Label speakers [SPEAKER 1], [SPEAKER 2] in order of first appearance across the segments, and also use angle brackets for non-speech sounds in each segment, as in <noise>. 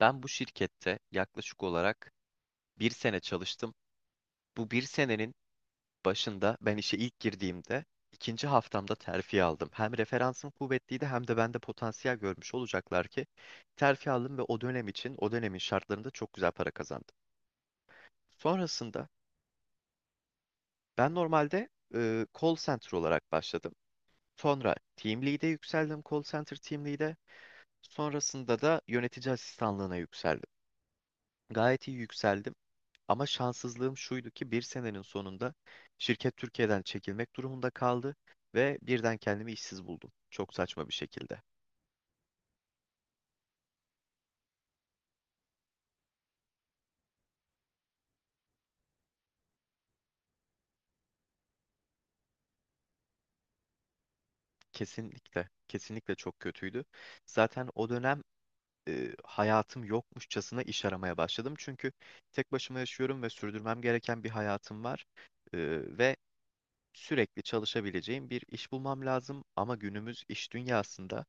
[SPEAKER 1] Ben bu şirkette yaklaşık olarak bir sene çalıştım. Bu bir senenin başında ben işe ilk girdiğimde ikinci haftamda terfi aldım. Hem referansım kuvvetliydi hem de bende potansiyel görmüş olacaklar ki terfi aldım ve o dönem için o dönemin şartlarında çok güzel para kazandım. Sonrasında ben normalde call center olarak başladım. Sonra team lead'e yükseldim call center team lead'e. Sonrasında da yönetici asistanlığına yükseldim. Gayet iyi yükseldim. Ama şanssızlığım şuydu ki bir senenin sonunda şirket Türkiye'den çekilmek durumunda kaldı ve birden kendimi işsiz buldum. Çok saçma bir şekilde. Kesinlikle, kesinlikle çok kötüydü. Zaten o dönem hayatım yokmuşçasına iş aramaya başladım. Çünkü tek başıma yaşıyorum ve sürdürmem gereken bir hayatım var. E, ve sürekli çalışabileceğim bir iş bulmam lazım. Ama günümüz iş dünyasında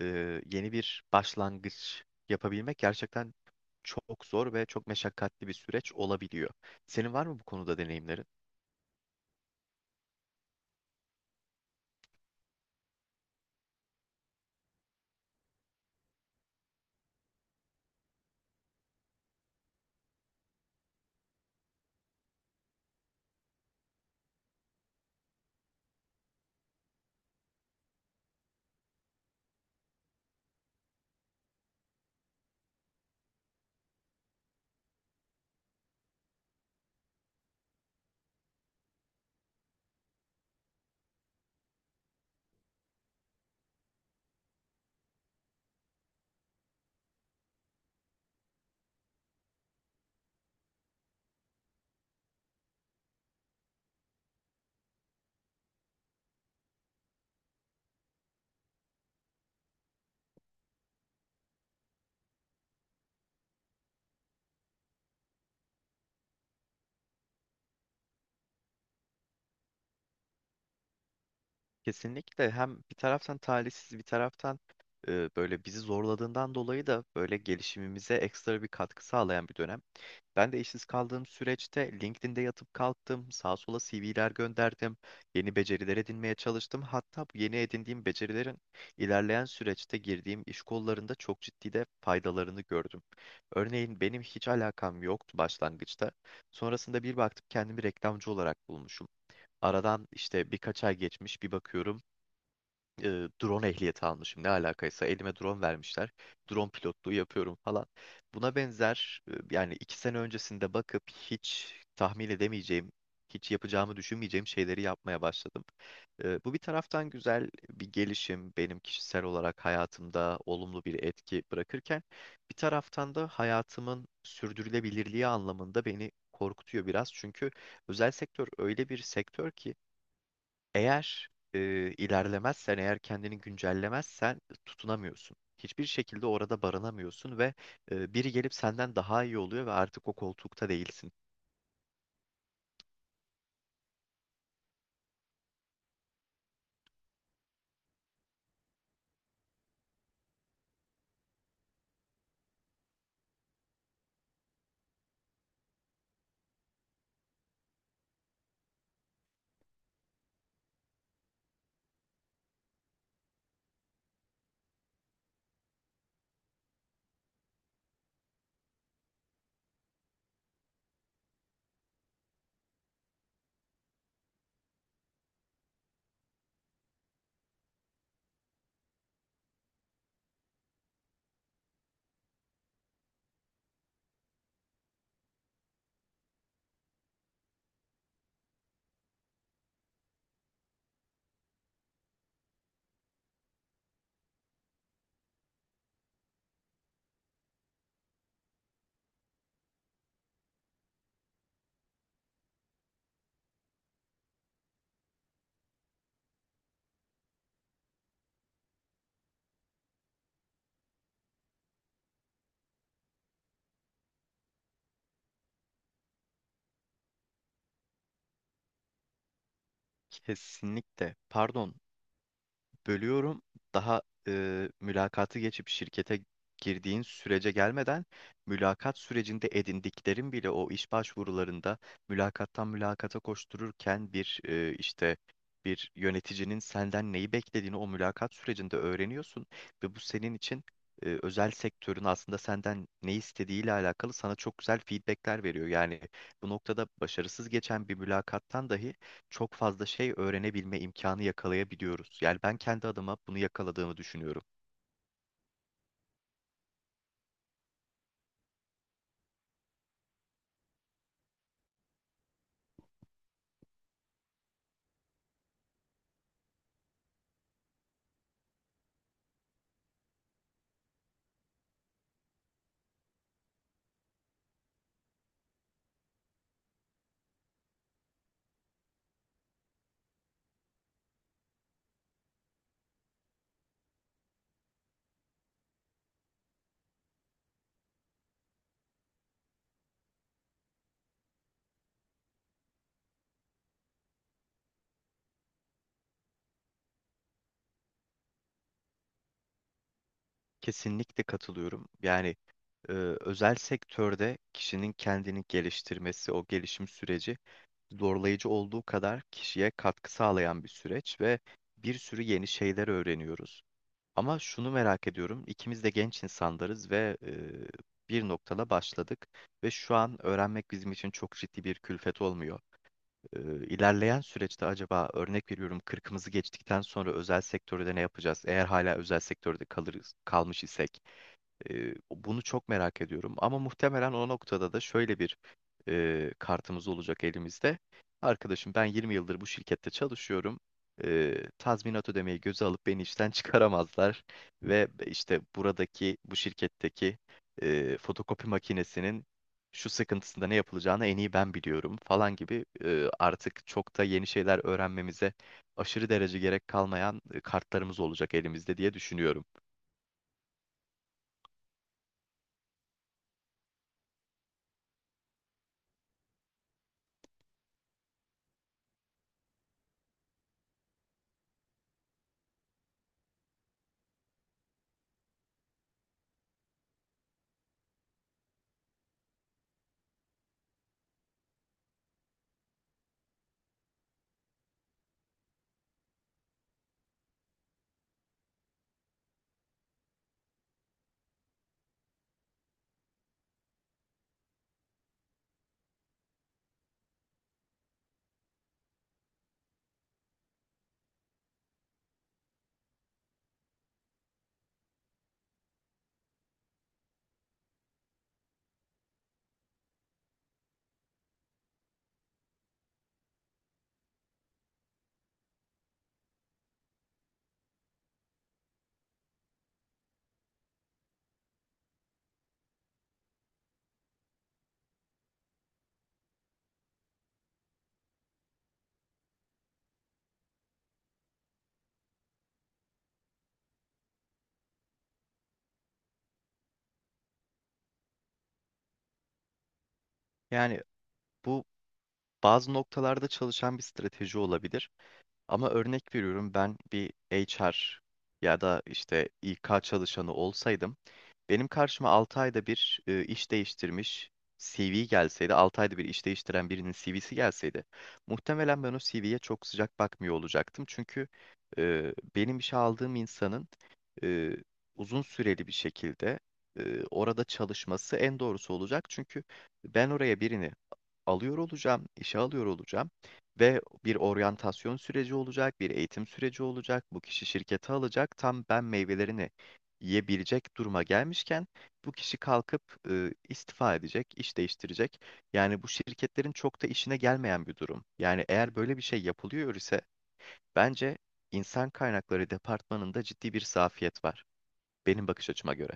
[SPEAKER 1] e, yeni bir başlangıç yapabilmek gerçekten çok zor ve çok meşakkatli bir süreç olabiliyor. Senin var mı bu konuda deneyimlerin? Kesinlikle hem bir taraftan talihsiz bir taraftan böyle bizi zorladığından dolayı da böyle gelişimimize ekstra bir katkı sağlayan bir dönem. Ben de işsiz kaldığım süreçte LinkedIn'de yatıp kalktım, sağa sola CV'ler gönderdim, yeni beceriler edinmeye çalıştım. Hatta bu yeni edindiğim becerilerin ilerleyen süreçte girdiğim iş kollarında çok ciddi de faydalarını gördüm. Örneğin benim hiç alakam yoktu başlangıçta. Sonrasında bir baktım kendimi reklamcı olarak bulmuşum. Aradan işte birkaç ay geçmiş bir bakıyorum drone ehliyeti almışım. Ne alakaysa elime drone vermişler. Drone pilotluğu yapıyorum falan. Buna benzer yani 2 sene öncesinde bakıp hiç tahmin edemeyeceğim, hiç yapacağımı düşünmeyeceğim şeyleri yapmaya başladım. Bu bir taraftan güzel bir gelişim benim kişisel olarak hayatımda olumlu bir etki bırakırken bir taraftan da hayatımın sürdürülebilirliği anlamında beni korkutuyor biraz. Çünkü özel sektör öyle bir sektör ki eğer ilerlemezsen, eğer kendini güncellemezsen tutunamıyorsun. Hiçbir şekilde orada barınamıyorsun ve biri gelip senden daha iyi oluyor ve artık o koltukta değilsin. Kesinlikle. Pardon, bölüyorum. Daha mülakatı geçip şirkete girdiğin sürece gelmeden mülakat sürecinde edindiklerin bile o iş başvurularında mülakattan mülakata koştururken bir işte bir yöneticinin senden neyi beklediğini o mülakat sürecinde öğreniyorsun ve bu senin için özel sektörün aslında senden ne istediğiyle alakalı sana çok güzel feedbackler veriyor. Yani bu noktada başarısız geçen bir mülakattan dahi çok fazla şey öğrenebilme imkanı yakalayabiliyoruz. Yani ben kendi adıma bunu yakaladığımı düşünüyorum. Kesinlikle katılıyorum. Yani e, özel sektörde kişinin kendini geliştirmesi, o gelişim süreci zorlayıcı olduğu kadar kişiye katkı sağlayan bir süreç ve bir sürü yeni şeyler öğreniyoruz. Ama şunu merak ediyorum, ikimiz de genç insanlarız ve bir noktada başladık ve şu an öğrenmek bizim için çok ciddi bir külfet olmuyor. e, ilerleyen süreçte acaba örnek veriyorum kırkımızı geçtikten sonra özel sektörde ne yapacağız? Eğer hala özel sektörde kalır kalmış isek bunu çok merak ediyorum. Ama muhtemelen o noktada da şöyle bir kartımız olacak elimizde. Arkadaşım ben 20 yıldır bu şirkette çalışıyorum. Tazminat ödemeyi göze alıp beni işten <laughs> çıkaramazlar. Ve işte buradaki bu şirketteki fotokopi makinesinin şu sıkıntısında ne yapılacağını en iyi ben biliyorum falan gibi artık çok da yeni şeyler öğrenmemize aşırı derece gerek kalmayan kartlarımız olacak elimizde diye düşünüyorum. Yani bu bazı noktalarda çalışan bir strateji olabilir. Ama örnek veriyorum ben bir HR ya da işte İK çalışanı olsaydım benim karşıma 6 ayda bir iş değiştirmiş CV gelseydi, 6 ayda bir iş değiştiren birinin CV'si gelseydi, muhtemelen ben o CV'ye çok sıcak bakmıyor olacaktım. Çünkü benim işe aldığım insanın e, uzun süreli bir şekilde orada çalışması en doğrusu olacak. Çünkü ben oraya birini alıyor olacağım, işe alıyor olacağım ve bir oryantasyon süreci olacak, bir eğitim süreci olacak. Bu kişi şirkete alacak. Tam ben meyvelerini yiyebilecek duruma gelmişken bu kişi kalkıp istifa edecek, iş değiştirecek. Yani bu şirketlerin çok da işine gelmeyen bir durum. Yani eğer böyle bir şey yapılıyor ise bence insan kaynakları departmanında ciddi bir zafiyet var benim bakış açıma göre.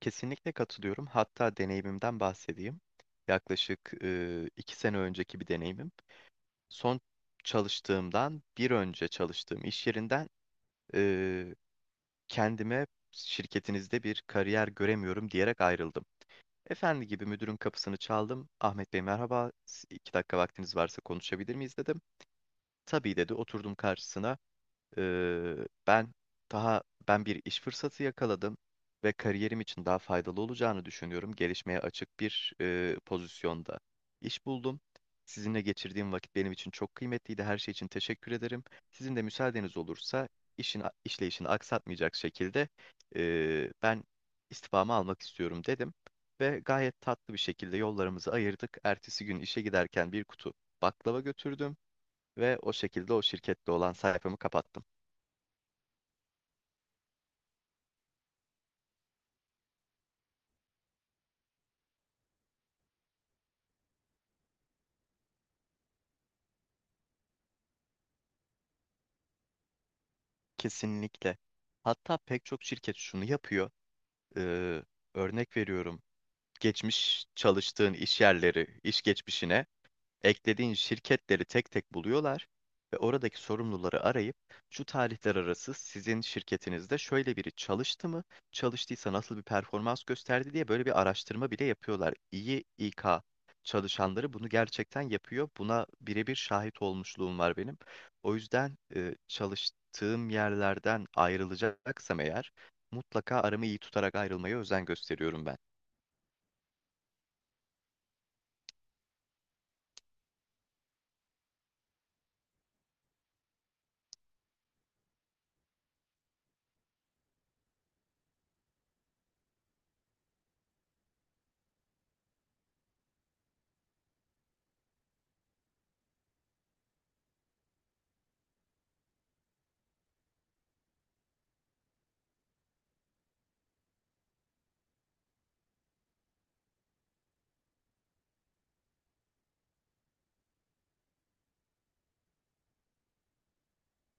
[SPEAKER 1] Kesinlikle katılıyorum. Hatta deneyimimden bahsedeyim. Yaklaşık 2 sene önceki bir deneyimim. Son çalıştığımdan bir önce çalıştığım iş yerinden e, kendime şirketinizde bir kariyer göremiyorum diyerek ayrıldım. Efendi gibi müdürün kapısını çaldım. Ahmet Bey merhaba, 2 dakika vaktiniz varsa konuşabilir miyiz dedim. Tabii dedi, oturdum karşısına. Ee, ben daha ben bir iş fırsatı yakaladım ve kariyerim için daha faydalı olacağını düşünüyorum. Gelişmeye açık bir pozisyonda iş buldum. Sizinle geçirdiğim vakit benim için çok kıymetliydi. Her şey için teşekkür ederim. Sizin de müsaadeniz olursa işin işleyişini aksatmayacak şekilde ben istifamı almak istiyorum dedim ve gayet tatlı bir şekilde yollarımızı ayırdık. Ertesi gün işe giderken bir kutu baklava götürdüm ve o şekilde o şirkette olan sayfamı kapattım. Kesinlikle. Hatta pek çok şirket şunu yapıyor. Ee, Örnek veriyorum. Geçmiş çalıştığın iş yerleri, iş geçmişine eklediğin şirketleri tek tek buluyorlar ve oradaki sorumluları arayıp şu tarihler arası sizin şirketinizde şöyle biri çalıştı mı, çalıştıysa nasıl bir performans gösterdi diye böyle bir araştırma bile yapıyorlar. İyi İK çalışanları bunu gerçekten yapıyor. Buna birebir şahit olmuşluğum var benim. O yüzden çalıştığım yerlerden ayrılacaksam eğer mutlaka aramı iyi tutarak ayrılmaya özen gösteriyorum ben.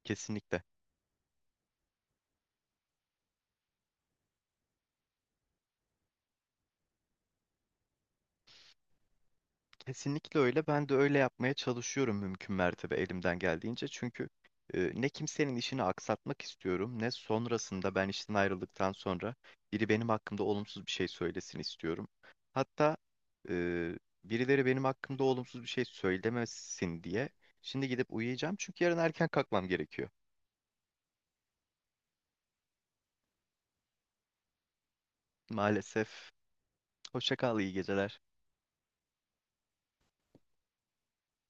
[SPEAKER 1] Kesinlikle. Kesinlikle öyle. Ben de öyle yapmaya çalışıyorum mümkün mertebe elimden geldiğince. Çünkü ne kimsenin işini aksatmak istiyorum, ne sonrasında ben işten ayrıldıktan sonra biri benim hakkımda olumsuz bir şey söylesin istiyorum. Hatta e, birileri benim hakkımda olumsuz bir şey söylemesin diye şimdi gidip uyuyacağım çünkü yarın erken kalkmam gerekiyor. Maalesef. Hoşça kal, iyi geceler.